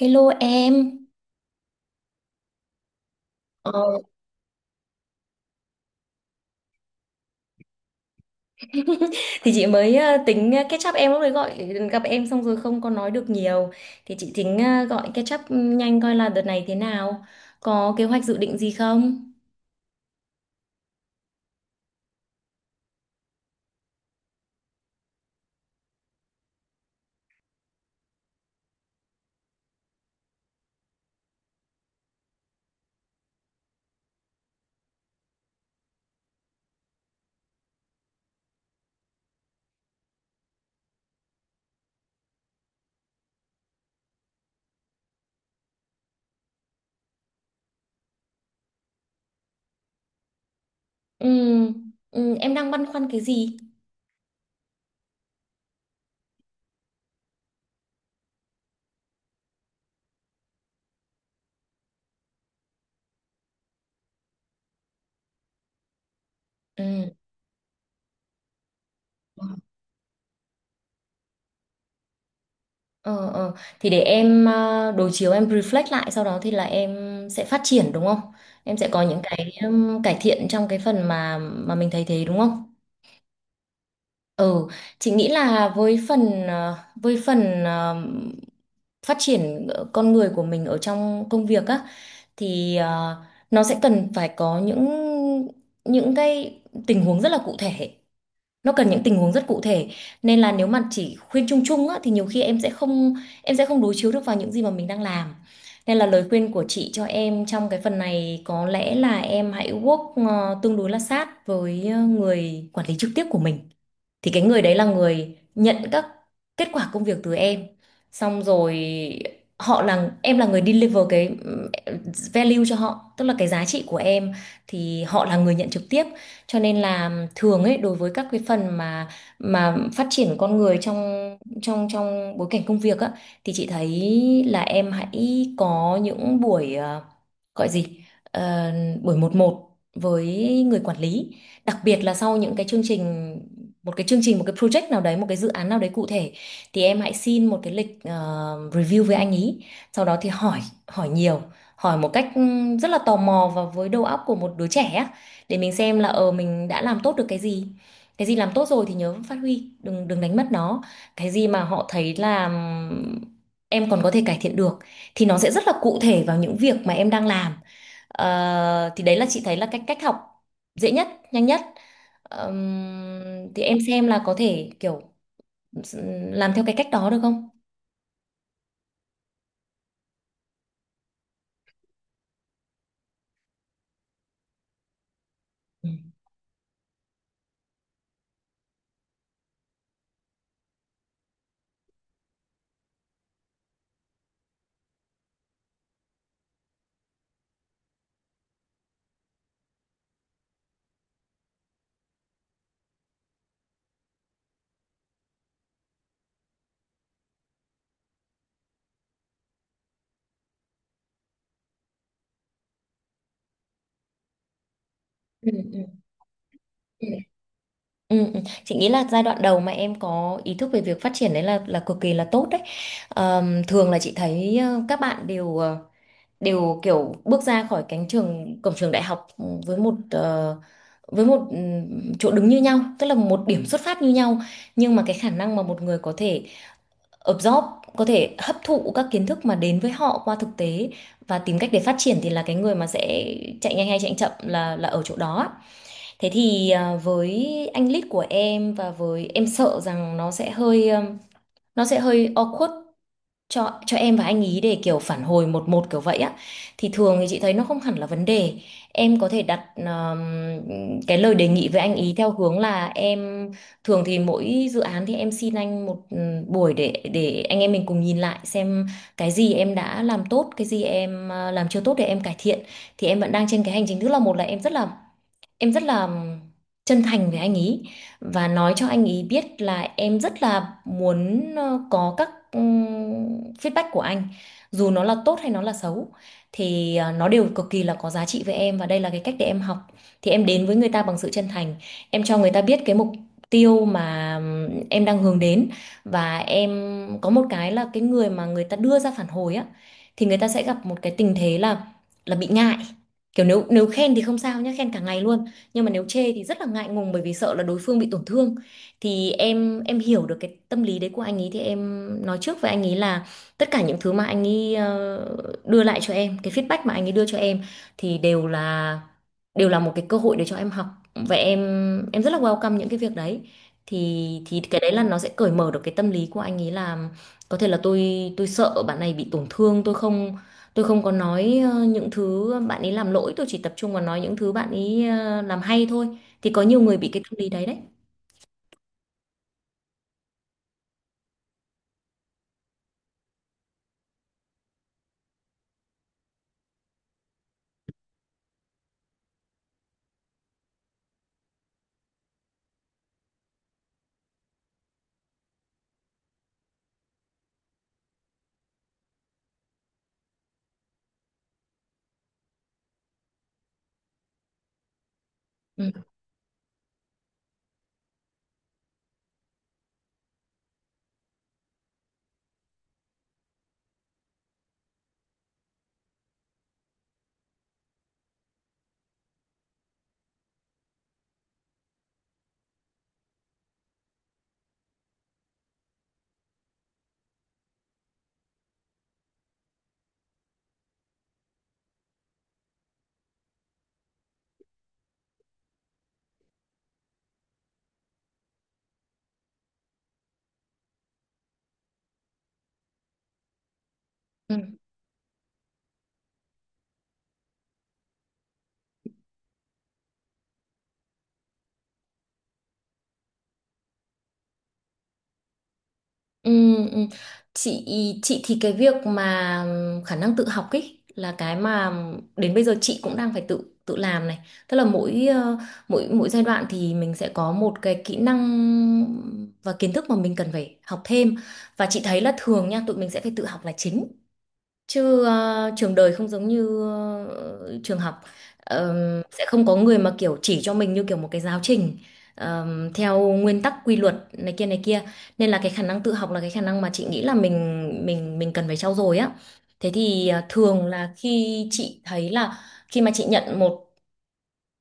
Hello em. Ờ, thì chị mới tính catch up em lúc đấy gọi gặp em xong rồi không có nói được nhiều, thì chị tính gọi catch up nhanh coi là đợt này thế nào, có kế hoạch dự định gì không? Ừ, ừ, em đang băn khoăn cái gì? Ừ. Ờ, ờ. Thì để em đối chiếu, em reflect lại, sau đó thì là em sẽ phát triển đúng không? Em sẽ có những cái cải thiện trong cái phần mà mình thấy thế đúng không? Ừ, chị nghĩ là với phần với phần phát triển con người của mình ở trong công việc á, thì nó sẽ cần phải có những những tình huống rất là cụ thể. Nó cần những tình huống rất cụ thể. Nên là nếu mà chỉ khuyên chung chung á thì nhiều khi em sẽ không đối chiếu được vào những gì mà mình đang làm. Nên là lời khuyên của chị cho em trong cái phần này có lẽ là em hãy work tương đối là sát với người quản lý trực tiếp của mình, thì cái người đấy là người nhận các kết quả công việc từ em, xong rồi họ là em là người deliver cái value cho họ, tức là cái giá trị của em thì họ là người nhận trực tiếp. Cho nên là thường ấy, đối với các cái phần mà phát triển con người trong trong trong bối cảnh công việc á, thì chị thấy là em hãy có những buổi gọi gì Ờ, buổi một một với người quản lý, đặc biệt là sau những cái chương trình, một cái chương trình, một cái project nào đấy, một cái dự án nào đấy cụ thể, thì em hãy xin một cái lịch review với anh ý, sau đó thì hỏi, hỏi nhiều, hỏi một cách rất là tò mò và với đầu óc của một đứa trẻ á, để mình xem là ờ mình đã làm tốt được cái gì, cái gì làm tốt rồi thì nhớ phát huy, đừng đừng đánh mất nó, cái gì mà họ thấy là em còn có thể cải thiện được thì nó sẽ rất là cụ thể vào những việc mà em đang làm. Ờ, thì đấy là chị thấy là cách, cách học dễ nhất, nhanh nhất. Thì em xem là có thể kiểu làm theo cái cách đó được không? Ừ. Ừ, ừ, ừ. Ừ, ừ. Chị nghĩ là giai đoạn đầu mà em có ý thức về việc phát triển đấy là cực kỳ là tốt đấy. Thường là chị thấy ờ, các bạn đều đều kiểu bước ra khỏi cánh trường, cổng trường đại học ừ, với một với một chỗ đứng như nhau, tức là một điểm xuất phát như nhau, nhưng mà cái khả năng mà một người có thể absorb, có thể hấp thụ các kiến thức mà đến với họ qua thực tế và tìm cách để phát triển thì là cái người mà sẽ chạy nhanh hay chạy chậm là ở chỗ đó ạ. Thế thì à, với anh lead của em và với em, sợ rằng nó sẽ hơi awkward cho em và anh ý để kiểu phản hồi một một kiểu vậy á, thì thường thì chị thấy nó không hẳn là vấn đề. Em có thể đặt cái lời đề nghị với anh ý theo hướng là em thường thì mỗi dự án thì em xin anh một buổi để anh em mình cùng nhìn lại xem cái gì em đã làm tốt, cái gì em làm chưa tốt để em cải thiện. Thì em vẫn đang trên cái hành trình, tức là một là em rất là em rất là chân thành với anh ý và nói cho anh ý biết là em rất là muốn có các feedback của anh, dù nó là tốt hay nó là xấu thì nó đều cực kỳ là có giá trị với em và đây là cái cách để em học. Thì em đến với người ta bằng sự chân thành, em cho người ta biết cái mục tiêu mà em đang hướng đến, và em có một cái là cái người mà người ta đưa ra phản hồi á thì người ta sẽ gặp một cái tình thế là bị ngại, kiểu nếu nếu khen thì không sao nhá, khen cả ngày luôn, nhưng mà nếu chê thì rất là ngại ngùng bởi vì sợ là đối phương bị tổn thương. Thì em hiểu được cái tâm lý đấy của anh ấy, thì em nói trước với anh ấy là tất cả những thứ mà anh ấy đưa lại cho em, cái feedback mà anh ấy đưa cho em thì đều là một cái cơ hội để cho em học và em rất là welcome những cái việc đấy. Thì cái đấy là nó sẽ cởi mở được cái tâm lý của anh ấy là có thể là tôi sợ bạn này bị tổn thương, tôi không, tôi không có nói những thứ bạn ấy làm lỗi, tôi chỉ tập trung vào nói những thứ bạn ấy làm hay thôi. Thì có nhiều người bị cái tâm lý đấy đấy. Ừ. Ừ. Ừ. Ừ. Chị chị thì cái việc mà khả năng tự học ấy là cái mà đến bây giờ chị cũng đang phải tự tự làm này. Tức là mỗi mỗi mỗi giai đoạn thì mình sẽ có một cái kỹ năng và kiến thức mà mình cần phải học thêm, và chị thấy là thường nha tụi mình sẽ phải tự học là chính, chứ trường đời không giống như trường học. Sẽ không có người mà kiểu chỉ cho mình như kiểu một cái giáo trình, theo nguyên tắc quy luật này kia này kia, nên là cái khả năng tự học là cái khả năng mà chị nghĩ là mình cần phải trau dồi á. Thế thì ờ, thường là khi chị thấy là khi mà chị nhận một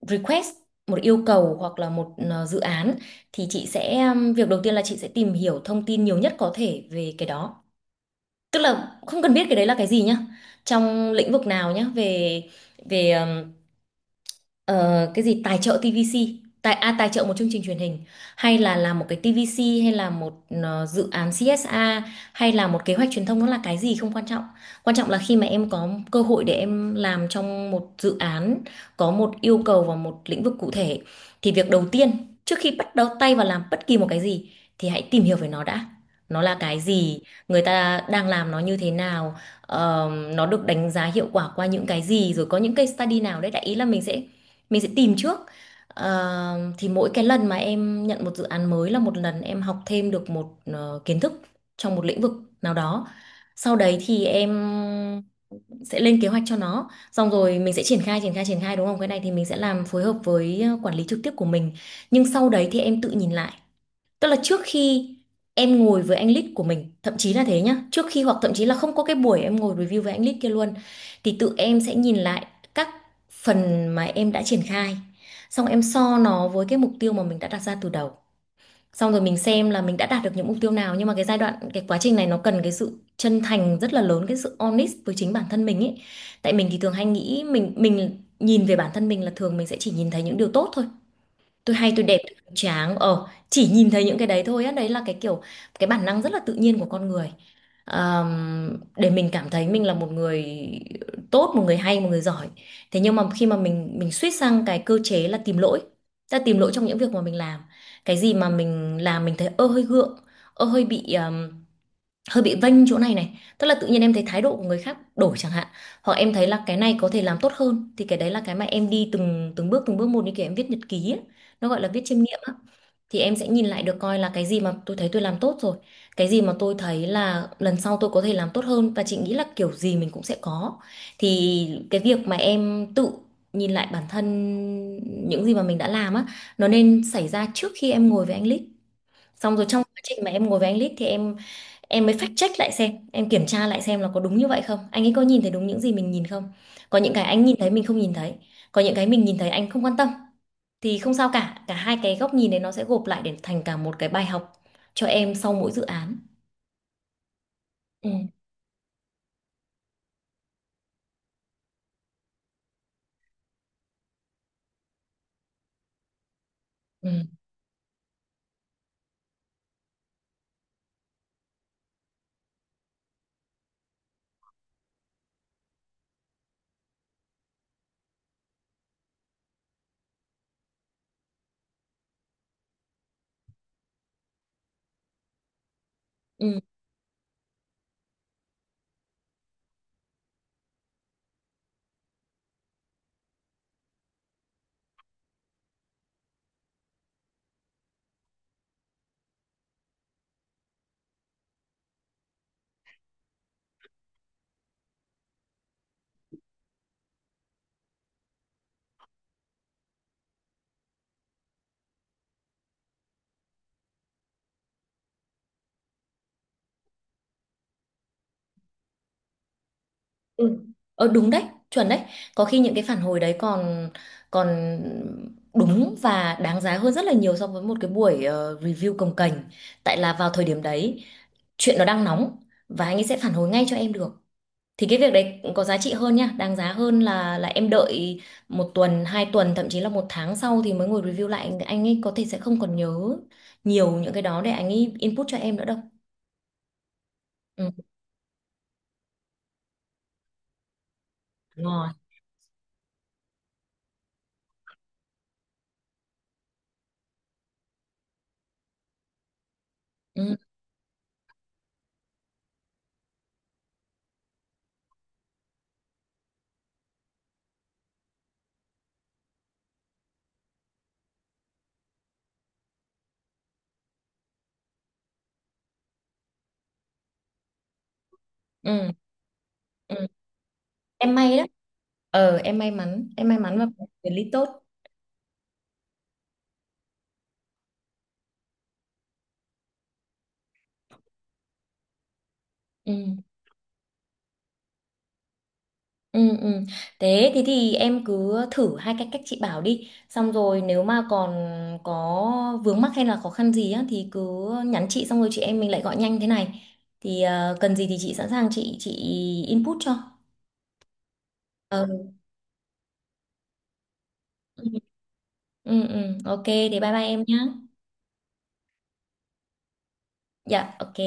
request, một yêu cầu hoặc là một dự án, thì chị sẽ việc đầu tiên là chị sẽ tìm hiểu thông tin nhiều nhất có thể về cái đó, tức là không cần biết cái đấy là cái gì nhá, trong lĩnh vực nào nhá, về về ờ, cái gì tài trợ TVC, tài à, tài trợ một chương trình truyền hình, hay là làm một cái TVC, hay là một dự án CSA, hay là một kế hoạch truyền thông, nó là cái gì không quan trọng. Quan trọng là khi mà em có cơ hội để em làm trong một dự án, có một yêu cầu vào một lĩnh vực cụ thể, thì việc đầu tiên trước khi bắt đầu tay vào làm bất kỳ một cái gì thì hãy tìm hiểu về nó đã, nó là cái gì, người ta đang làm nó như thế nào. Ờ, nó được đánh giá hiệu quả qua những cái gì, rồi có những case study nào đấy, đại ý là mình sẽ tìm trước. Ờ, thì mỗi cái lần mà em nhận một dự án mới là một lần em học thêm được một kiến thức trong một lĩnh vực nào đó. Sau đấy thì em sẽ lên kế hoạch cho nó, xong rồi mình sẽ triển khai đúng không, cái này thì mình sẽ làm phối hợp với quản lý trực tiếp của mình, nhưng sau đấy thì em tự nhìn lại. Tức là trước khi em ngồi với anh lead của mình, thậm chí là thế nhá, trước khi hoặc thậm chí là không có cái buổi em ngồi review với anh lead kia luôn, thì tự em sẽ nhìn lại các phần mà em đã triển khai. Xong em so nó với cái mục tiêu mà mình đã đặt ra từ đầu. Xong rồi mình xem là mình đã đạt được những mục tiêu nào, nhưng mà cái giai đoạn, cái quá trình này nó cần cái sự chân thành rất là lớn, cái sự honest với chính bản thân mình ấy. Tại mình thì thường hay nghĩ mình nhìn về bản thân mình là thường mình sẽ chỉ nhìn thấy những điều tốt thôi, tôi hay, tôi đẹp, tôi cường tráng, ờ chỉ nhìn thấy những cái đấy thôi á, đấy là cái kiểu cái bản năng rất là tự nhiên của con người. Để mình cảm thấy mình là một người tốt, một người hay, một người giỏi. Thế nhưng mà khi mà mình switch sang cái cơ chế là tìm lỗi, ta tìm lỗi trong những việc mà mình làm, cái gì mà mình làm mình thấy ơ hơi gượng, ơ hơi bị, hơi bị vênh chỗ này này, tức là tự nhiên em thấy thái độ của người khác đổi chẳng hạn, hoặc em thấy là cái này có thể làm tốt hơn, thì cái đấy là cái mà em đi từng từng bước một như kiểu em viết nhật ký ấy. Nó gọi là viết chiêm nghiệm á. Thì em sẽ nhìn lại được coi là cái gì mà tôi thấy tôi làm tốt rồi, cái gì mà tôi thấy là lần sau tôi có thể làm tốt hơn, và chị nghĩ là kiểu gì mình cũng sẽ có. Thì cái việc mà em tự nhìn lại bản thân những gì mà mình đã làm á, nó nên xảy ra trước khi em ngồi với anh Lít. Xong rồi trong quá trình mà em ngồi với anh Lít thì em mới fact check lại xem, em kiểm tra lại xem là có đúng như vậy không, anh ấy có nhìn thấy đúng những gì mình nhìn không, có những cái anh nhìn thấy mình không nhìn thấy, có những cái mình nhìn thấy anh không quan tâm, thì không sao cả, cả hai cái góc nhìn đấy nó sẽ gộp lại để thành cả một cái bài học cho em sau mỗi dự án. Ừ, ừ, ừ, ừ, ờ đúng đấy, chuẩn đấy, có khi những cái phản hồi đấy còn còn đúng và đáng giá hơn rất là nhiều so với một cái buổi review cồng kềnh, tại là vào thời điểm đấy chuyện nó đang nóng và anh ấy sẽ phản hồi ngay cho em được, thì cái việc đấy có giá trị hơn nha, đáng giá hơn là em đợi một tuần, hai tuần, thậm chí là một tháng sau thì mới ngồi review lại, anh ấy có thể sẽ không còn nhớ nhiều những cái đó để anh ấy input cho em nữa đâu. Ừ, đúng. Ừ, ừ, ừ. Em may đó, ờ em may mắn, em may mắn và quản lý tốt. Ừ. Ừ, ừ. Thế thì em cứ thử hai cái cách chị bảo đi, xong rồi nếu mà còn có vướng mắc hay là khó khăn gì á thì cứ nhắn chị, xong rồi chị em mình lại gọi nhanh thế này, thì cần gì thì chị sẵn sàng, chị input cho. Ờ, ừ. Ừ, ừ. Ok thế bye bye em nhé. Dạ ok.